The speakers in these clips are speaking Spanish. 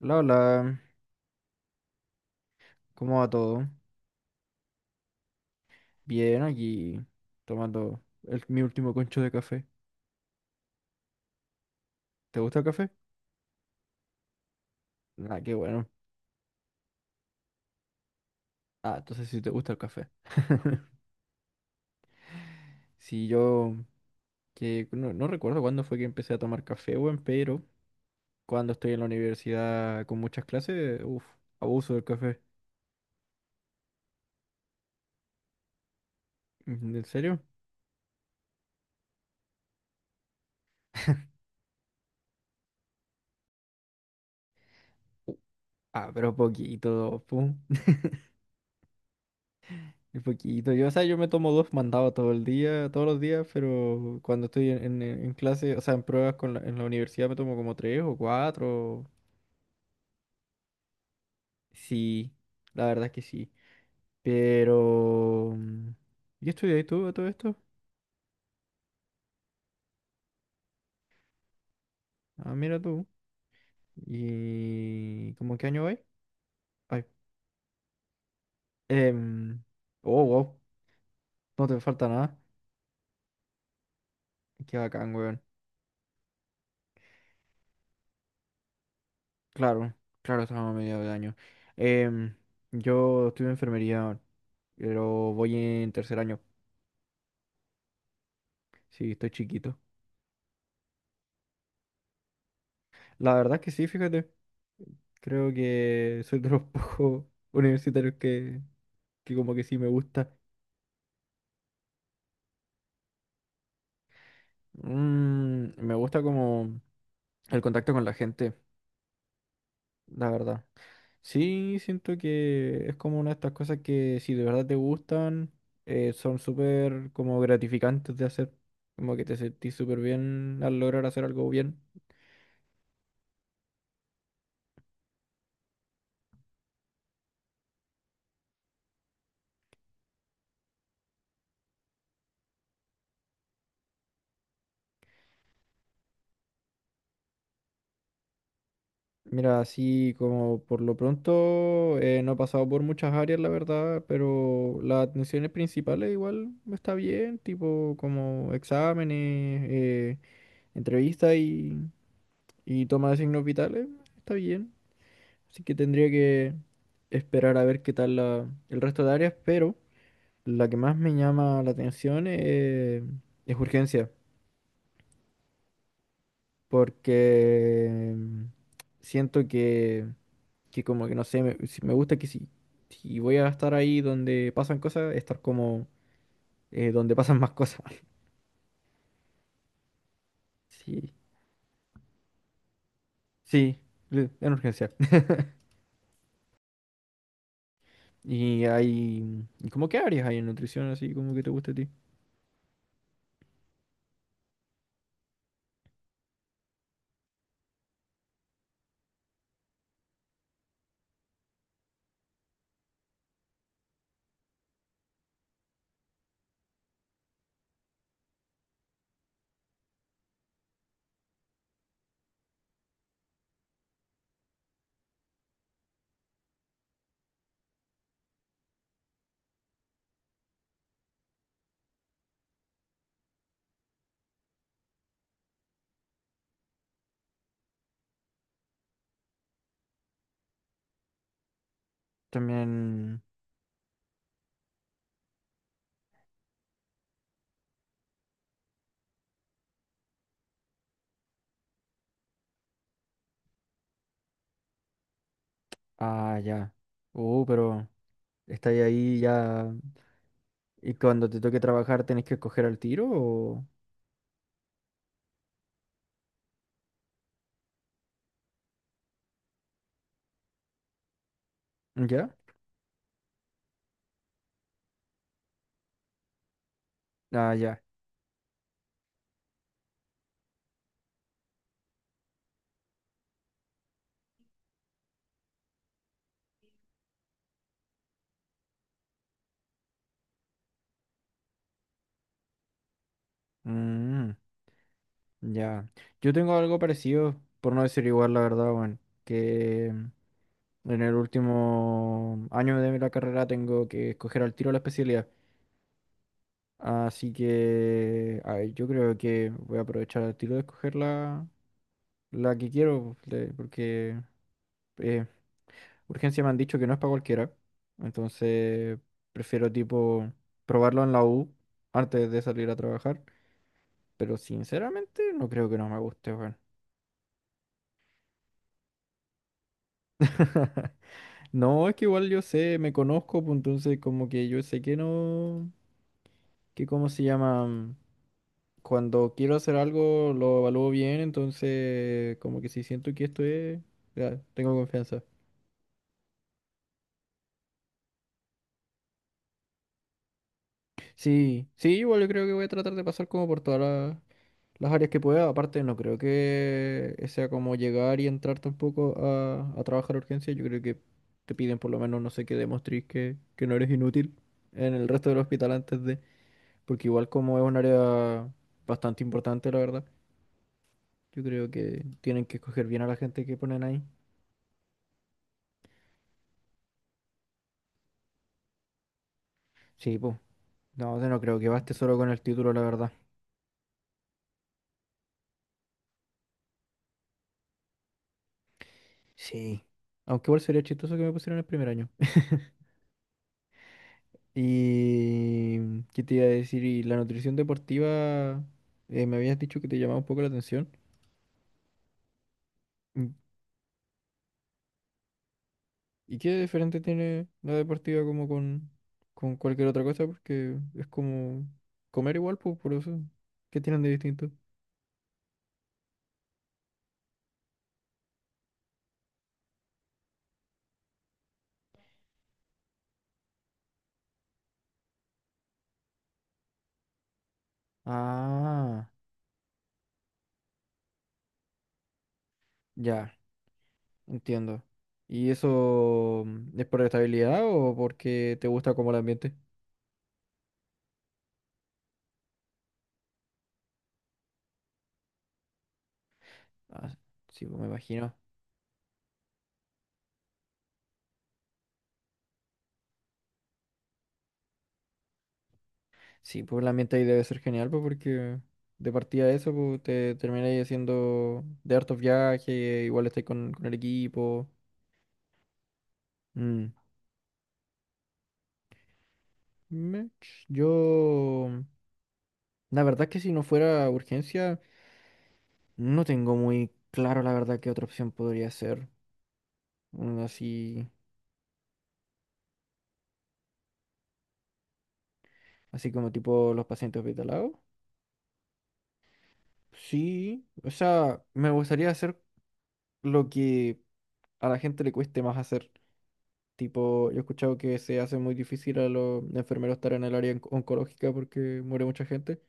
Hola, hola, ¿cómo va todo? Bien, aquí tomando mi último concho de café. ¿Te gusta el café? Ah, qué bueno. Ah, entonces sí te gusta el café. Sí, yo que no recuerdo cuándo fue que empecé a tomar café, weón, pero cuando estoy en la universidad con muchas clases, uff, abuso del café. Mm, ¿en serio? Uh, Ah, pero poquito, pum. Un poquito. Yo, o sea, yo me tomo dos mandados todo el día, todos los días, pero cuando estoy en clase, o sea, en pruebas con en la universidad me tomo como tres o cuatro. Sí, la verdad es que sí. Pero... mm, ¿Y estudias tú a todo esto? Ah, mira tú. ¿Y cómo en qué año vais? Ay. em, Oh, wow. No te falta nada. Qué bacán, weón. Claro, claro, estamos a mediados de año. Em, yo estudio enfermería, pero voy en tercer año. Sí, estoy chiquito. La verdad es que sí, fíjate. Creo que soy de los pocos universitarios que como que sí me gusta. Mm, me gusta como el contacto con la gente, la verdad. Sí, siento que es como una de estas cosas que si de verdad te gustan, son súper como gratificantes de hacer. Como que te sentís súper bien al lograr hacer algo bien. Mira, así como por lo pronto no he pasado por muchas áreas, la verdad, pero las atenciones principales igual está bien, tipo como exámenes, entrevistas y toma de signos vitales, está bien. Así que tendría que esperar a ver qué tal el resto de áreas, pero la que más me llama la atención es urgencia, porque siento que como que no sé, me gusta que si, si voy a estar ahí donde pasan cosas, estar como donde pasan más cosas. Sí, sí, en urgencia. Y hay, ¿cómo qué áreas hay en nutrición así como que te gusta a ti? También, ah, ya. Pero estáis ahí ya y cuando te toque trabajar tenés que escoger al tiro o ya. Ah, ya. Mm, ya. Yo tengo algo parecido, por no decir igual, la verdad, bueno, que en el último año de la carrera tengo que escoger al tiro la especialidad. Así que a ver, yo creo que voy a aprovechar al tiro de escoger la que quiero, porque eh, urgencia me han dicho que no es para cualquiera. Entonces prefiero tipo probarlo en la U antes de salir a trabajar. Pero sinceramente no creo que no me guste, weón. No, es que igual yo sé, me conozco, pues entonces como que yo sé que no, que cómo se llama. Cuando quiero hacer algo lo evalúo bien, entonces como que si siento que esto es, ya, tengo confianza. Sí, sí, igual yo creo que voy a tratar de pasar como por todas las áreas que pueda. Aparte, no creo que sea como llegar y entrar tampoco a trabajar urgencia. Yo creo que te piden por lo menos, no sé, que demostres que no eres inútil en el resto del hospital antes de, porque igual como es un área bastante importante, la verdad, yo creo que tienen que escoger bien a la gente que ponen ahí. Sí, pues. No, yo no creo que baste solo con el título, la verdad. Sí. Aunque igual sería chistoso que me pusieran el primer año. Y... ¿Qué te iba a decir? Y la nutrición deportiva, me habías dicho que te llamaba un poco la atención. Mm, ¿Y qué diferente tiene la deportiva como con cualquier otra cosa? Porque es como comer igual, pues, por eso. ¿Qué tienen de distinto? Ah, ya, entiendo. ¿Y eso es por estabilidad o porque te gusta como el ambiente? Ah, sí, pues me imagino. Sí, pues la ambiente ahí debe ser genial, pues porque de partida eso, pues te termináis haciendo de hartos viajes, igual estáis con el equipo. Mm. Mech, yo, la verdad es que si no fuera urgencia, no tengo muy claro la verdad qué otra opción podría ser. Así, así como tipo los pacientes hospitalados. Sí, o sea, me gustaría hacer lo que a la gente le cueste más hacer. Tipo, yo he escuchado que se hace muy difícil a los enfermeros estar en el área oncológica porque muere mucha gente.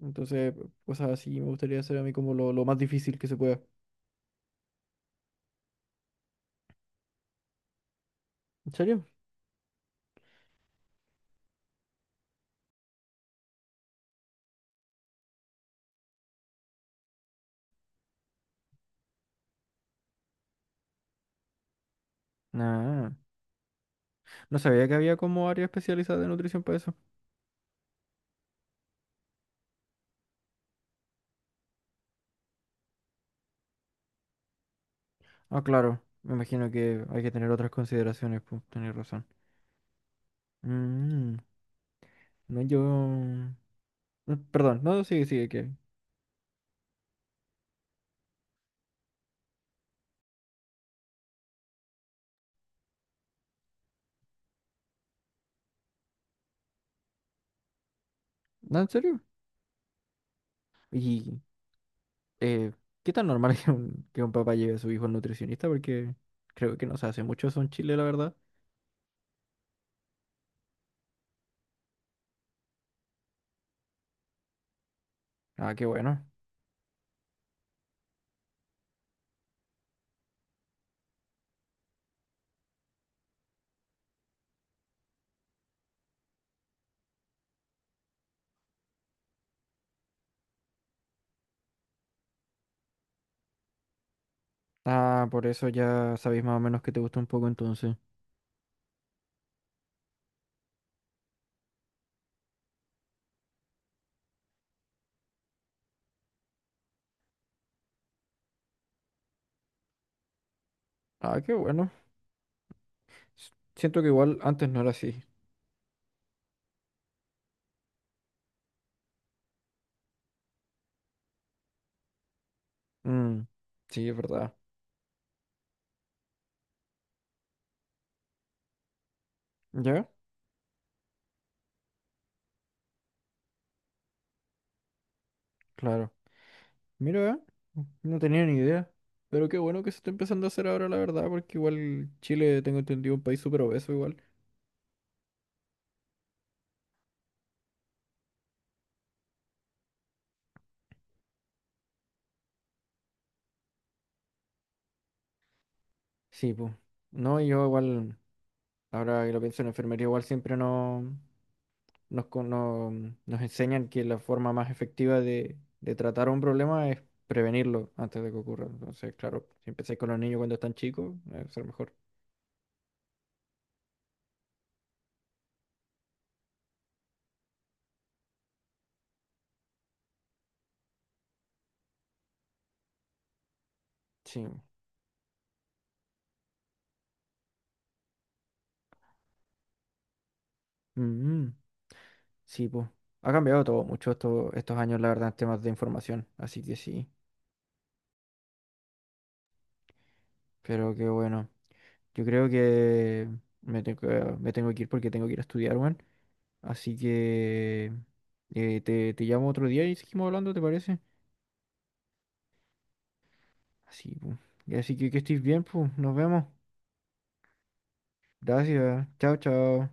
Entonces, cosas así me gustaría hacer a mí como lo más difícil que se pueda. ¿En serio? Ah, no sabía que había como área especializada de nutrición para eso. Ah, claro, me imagino que hay que tener otras consideraciones, pues, tenés razón. Mm, no, yo... Mm, Perdón, no, sigue, sigue, que... ¿No, en serio? eh, ¿Qué tan normal es que un papá lleve a su hijo al nutricionista? Porque creo que no se hace mucho eso en Chile, la verdad. Ah, qué bueno. Ah, por eso ya sabéis más o menos que te gusta un poco entonces. Ah, qué bueno. S- Siento que igual antes no era así. Mm, sí, es verdad. ¿Ya? Claro. Mira, no tenía ni idea. Pero qué bueno que se está empezando a hacer ahora, la verdad, porque igual Chile, tengo entendido, un país súper obeso igual. Sí, pues. No, yo igual, ahora que lo pienso en enfermería, igual siempre no. nos, con- no- nos enseñan que la forma más efectiva de tratar un problema es prevenirlo antes de que ocurra. Entonces, claro, si empezáis con los niños cuando están chicos, va a ser mejor. Sí. Mm, sí, pues. Ha cambiado todo mucho estos años, la verdad, en temas de información. Así que sí. Pero qué bueno. Yo creo que me tengo, que- me tengo que ir porque tengo que ir a estudiar, weón. Así que te llamo otro día y seguimos hablando, ¿te parece? Así, pues. Así que estés bien, pues. Nos vemos. Gracias. Chao, chao.